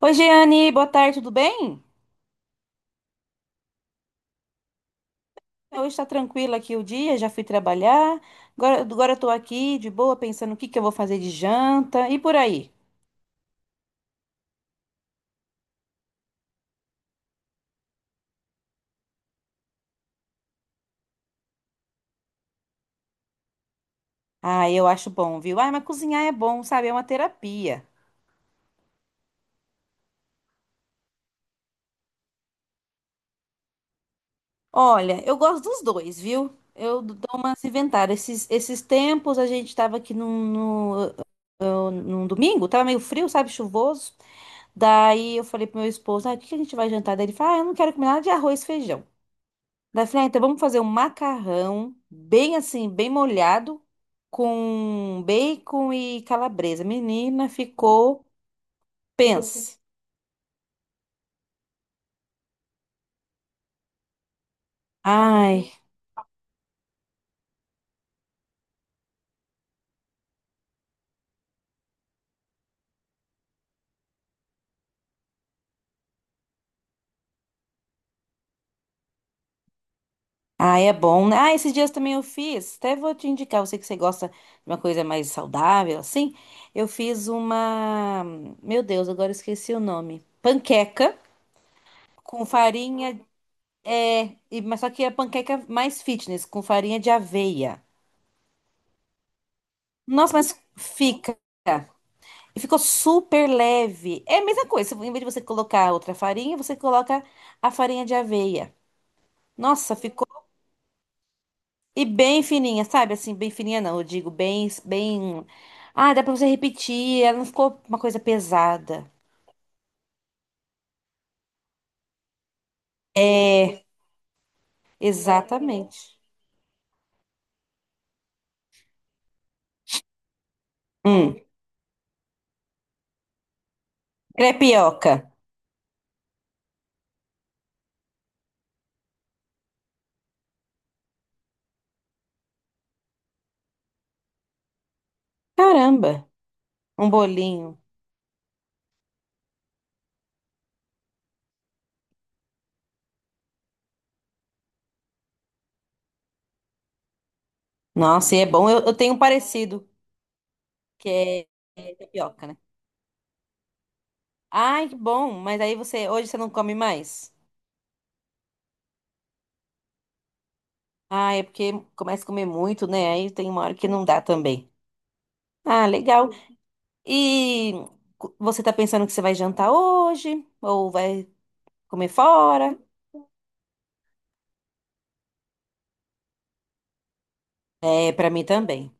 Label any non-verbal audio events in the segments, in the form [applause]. Oi, Jeane, boa tarde, tudo bem? Hoje está tranquilo aqui o dia, já fui trabalhar. Agora eu tô aqui de boa, pensando o que que eu vou fazer de janta e por aí. Ah, eu acho bom, viu? Ah, mas cozinhar é bom, sabe? É uma terapia. Olha, eu gosto dos dois, viu? Eu dou umas inventadas. Esses tempos a gente estava aqui num, no- num domingo, tava meio frio, sabe? Chuvoso. Daí eu falei pro meu esposo, ah, o que que a gente vai jantar? Daí ele falou, ah, eu não quero comer nada de arroz e feijão. Daí eu falei, ah, então vamos fazer um macarrão bem assim, bem molhado, com bacon e calabresa. Menina, ficou, pensa. Ai, ai, é bom, né? Ah, esses dias também eu fiz, até vou te indicar, você que você gosta de uma coisa mais saudável, assim. Eu fiz uma, meu Deus, agora eu esqueci o nome. Panqueca com farinha, mas só que é a panqueca mais fitness, com farinha de aveia. Nossa, mas fica. E ficou super leve. É a mesma coisa. Em vez de você colocar outra farinha, você coloca a farinha de aveia. Nossa, ficou. E bem fininha, sabe? Assim, bem fininha não. Eu digo bem, bem. Ah, dá pra você repetir. Ela não ficou uma coisa pesada. É, exatamente. Hum, crepioca. Caramba, um bolinho. Nossa, e é bom. Eu tenho um parecido, que é crepioca, né? Ai, que bom. Mas aí você, hoje você não come mais? Ah, é porque começa a comer muito, né? Aí tem uma hora que não dá também. Ah, legal. E você tá pensando que você vai jantar hoje? Ou vai comer fora? É, pra mim também.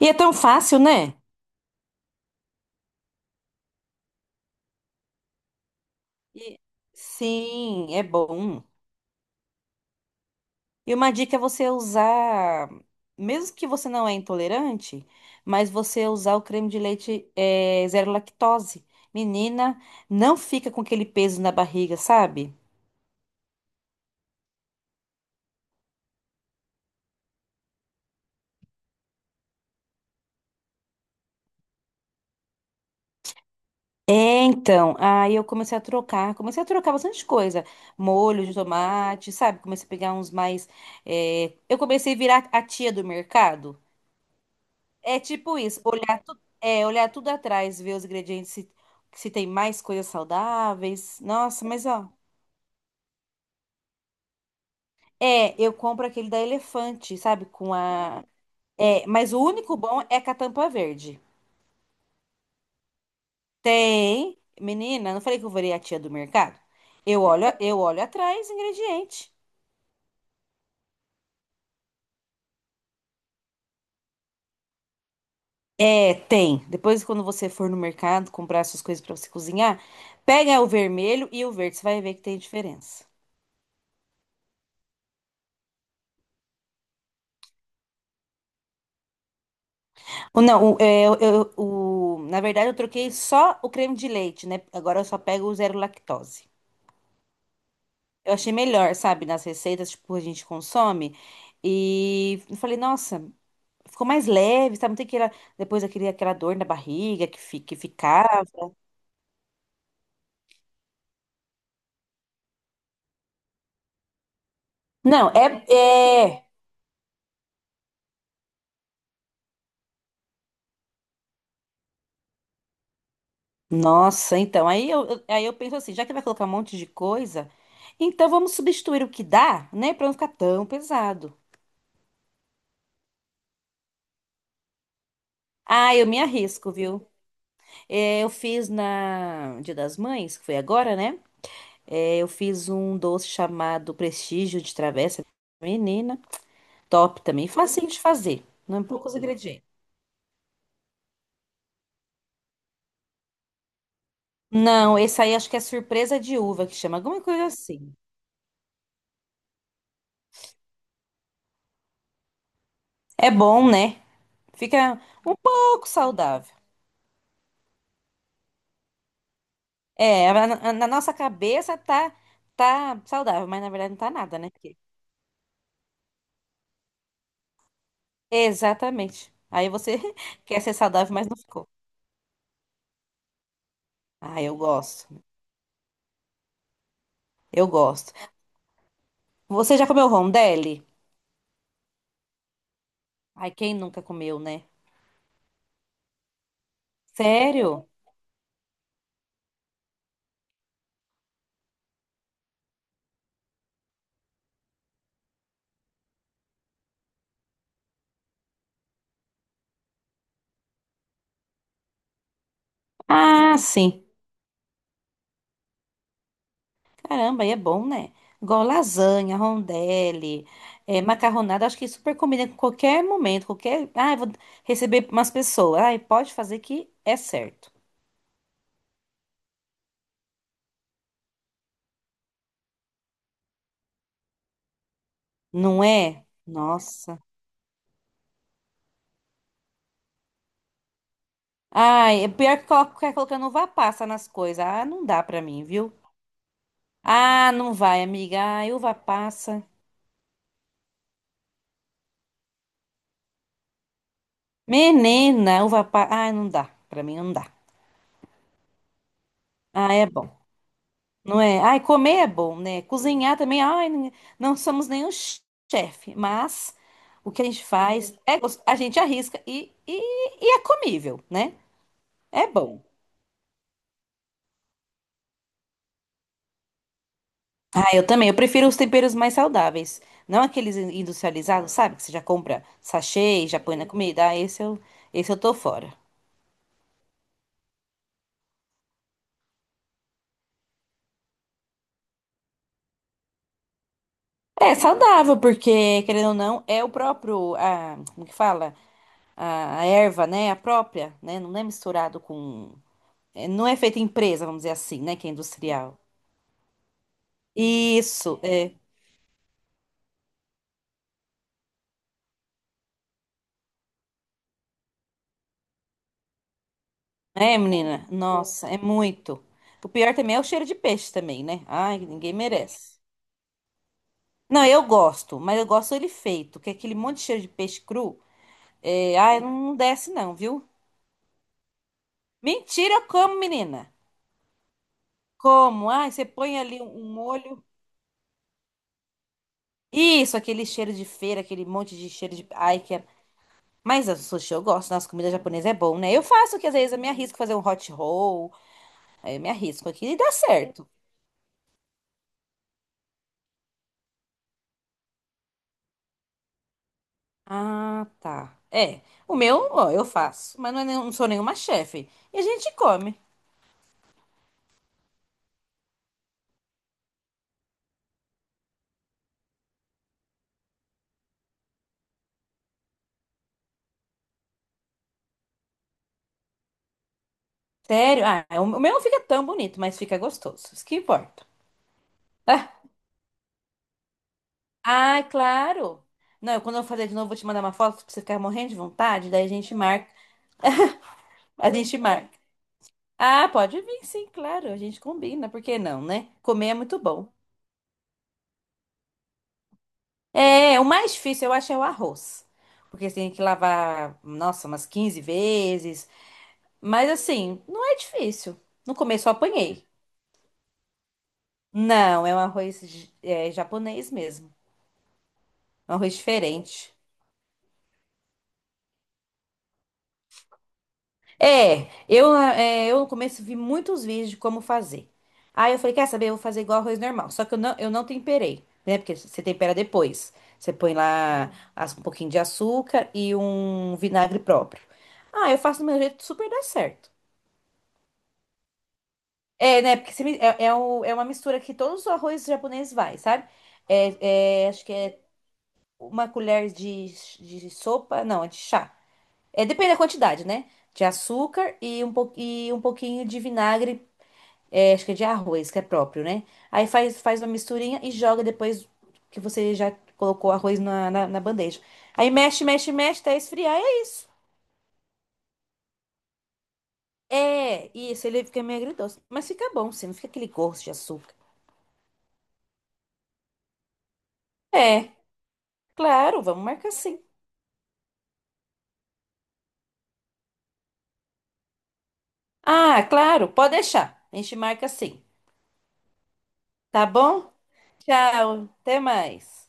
E é tão fácil, né? E- Sim, é bom. E uma dica é você usar, mesmo que você não é intolerante, mas você usar o creme de leite é, zero lactose. Menina, não fica com aquele peso na barriga, sabe? É, então, aí eu comecei a trocar bastante coisa, molho de tomate, sabe? Comecei a pegar uns mais, é, eu comecei a virar a tia do mercado. É tipo isso, olhar tudo atrás, ver os ingredientes, se, tem mais coisas saudáveis. Nossa, mas ó, é, eu compro aquele da Elefante, sabe? Mas o único bom é com a tampa verde. Tem, menina, não falei que eu virei a tia do mercado? Eu olho atrás, ingrediente. É, tem. Depois, quando você for no mercado comprar essas coisas pra você cozinhar, pega o vermelho e o verde, você vai ver que tem diferença. Ou não, o, é, eu- o- na verdade, eu troquei só o creme de leite, né? Agora eu só pego o zero lactose. Eu achei melhor, sabe? Nas receitas, tipo, a gente consome. E eu falei, nossa, ficou mais leve, sabe? Não tem aquela, depois aquele, aquela dor na barriga que ficava. Não, é, é. Nossa, então, aí eu penso assim, já que vai colocar um monte de coisa, então vamos substituir o que dá, né, pra não ficar tão pesado. Ah, eu me arrisco, viu? É, eu fiz na Dia das Mães, que foi agora, né? É, eu fiz um doce chamado Prestígio de Travessa. Menina, top também, facinho de fazer, não é poucos ingredientes. Não, esse aí acho que é surpresa de uva, que chama alguma coisa assim. É bom, né? Fica um pouco saudável. É, na nossa cabeça tá saudável, mas na verdade não tá nada, né? Porque- exatamente. Aí você [laughs] quer ser saudável, mas não ficou. Ah, eu gosto. Eu gosto. Você já comeu rondelli? Ai, quem nunca comeu, né? Sério? Ah, sim. Caramba, aí é bom, né? Igual lasanha, rondelli, é, macarronada, acho que super combina com qualquer momento, qualquer. Ah, eu vou receber umas pessoas. Ai, pode fazer que é certo. Não é? Nossa. Ai, é pior que coloca ficar colocando uva passa nas coisas. Ah, não dá pra mim, viu? Ah, não vai, amiga. Ai, uva passa. Menina, uva passa. Ai, não dá. Pra mim não dá. Ah, é bom. Não é? Ai, comer é bom, né? Cozinhar também. Ai, não somos nenhum chefe, mas o que a gente faz é a gente arrisca e é comível, né? É bom. Ah, eu também. Eu prefiro os temperos mais saudáveis. Não aqueles industrializados, sabe? Que você já compra sachê e já põe na comida. Ah, esse eu tô fora. É saudável, porque, querendo ou não, é o próprio, como que fala? A erva, né? A própria, né? Não é misturado com... é, não é feita em empresa, vamos dizer assim, né? Que é industrial. Isso, é. É, menina? Nossa, é muito. O pior também é o cheiro de peixe também, né? Ai, ninguém merece. Não, eu gosto, mas eu gosto ele feito, que é aquele monte de cheiro de peixe cru. É, ai, não desce não, viu? Mentira, eu como, menina. Como? Ai, você põe ali um molho. Isso, aquele cheiro de feira, aquele monte de cheiro de. Ai, que é... Mas o sushi eu gosto, nossa comida japonesa é bom, né? Eu faço que às vezes eu me arrisco a fazer um hot roll, aí eu me arrisco aqui e dá certo. Ah, tá. É, o meu, ó, eu faço, mas não, é não sou nenhuma chefe. E a gente come. Sério? Ah, o meu não fica tão bonito, mas fica gostoso. Isso que importa. Ah, ah, claro. Não, quando eu fazer de novo, vou te mandar uma foto pra você ficar morrendo de vontade. Daí a gente marca. A gente marca. Ah, pode vir, sim, claro. A gente combina. Por que não, né? Comer é muito bom. É, o mais difícil eu acho é o arroz. Porque você tem que lavar, nossa, umas 15 vezes. Mas assim, não é difícil. No começo eu apanhei. Não, é um arroz japonês mesmo. Um arroz diferente. Eu no começo vi muitos vídeos de como fazer. Aí eu falei, quer saber, eu vou fazer igual arroz normal. Só que eu não temperei, né? Porque você tempera depois. Você põe lá um pouquinho de açúcar e um vinagre próprio. Ah, eu faço do meu jeito, super dá certo. É, né? Porque você é uma mistura que todos os arroz japoneses vai, sabe? É, acho que é uma colher de sopa, não, é de chá. É, depende da quantidade, né? De açúcar e e um pouquinho de vinagre. É, acho que é de arroz, que é próprio, né? Aí faz, faz uma misturinha e joga depois que você já colocou o arroz na bandeja. Aí mexe, mexe, mexe até esfriar e é isso. É, isso, ele fica meio agridoce. Mas fica bom, sim, não fica aquele gosto de açúcar. É, claro, vamos marcar sim. Ah, claro, pode deixar. A gente marca sim. Tá bom? Tchau, até mais.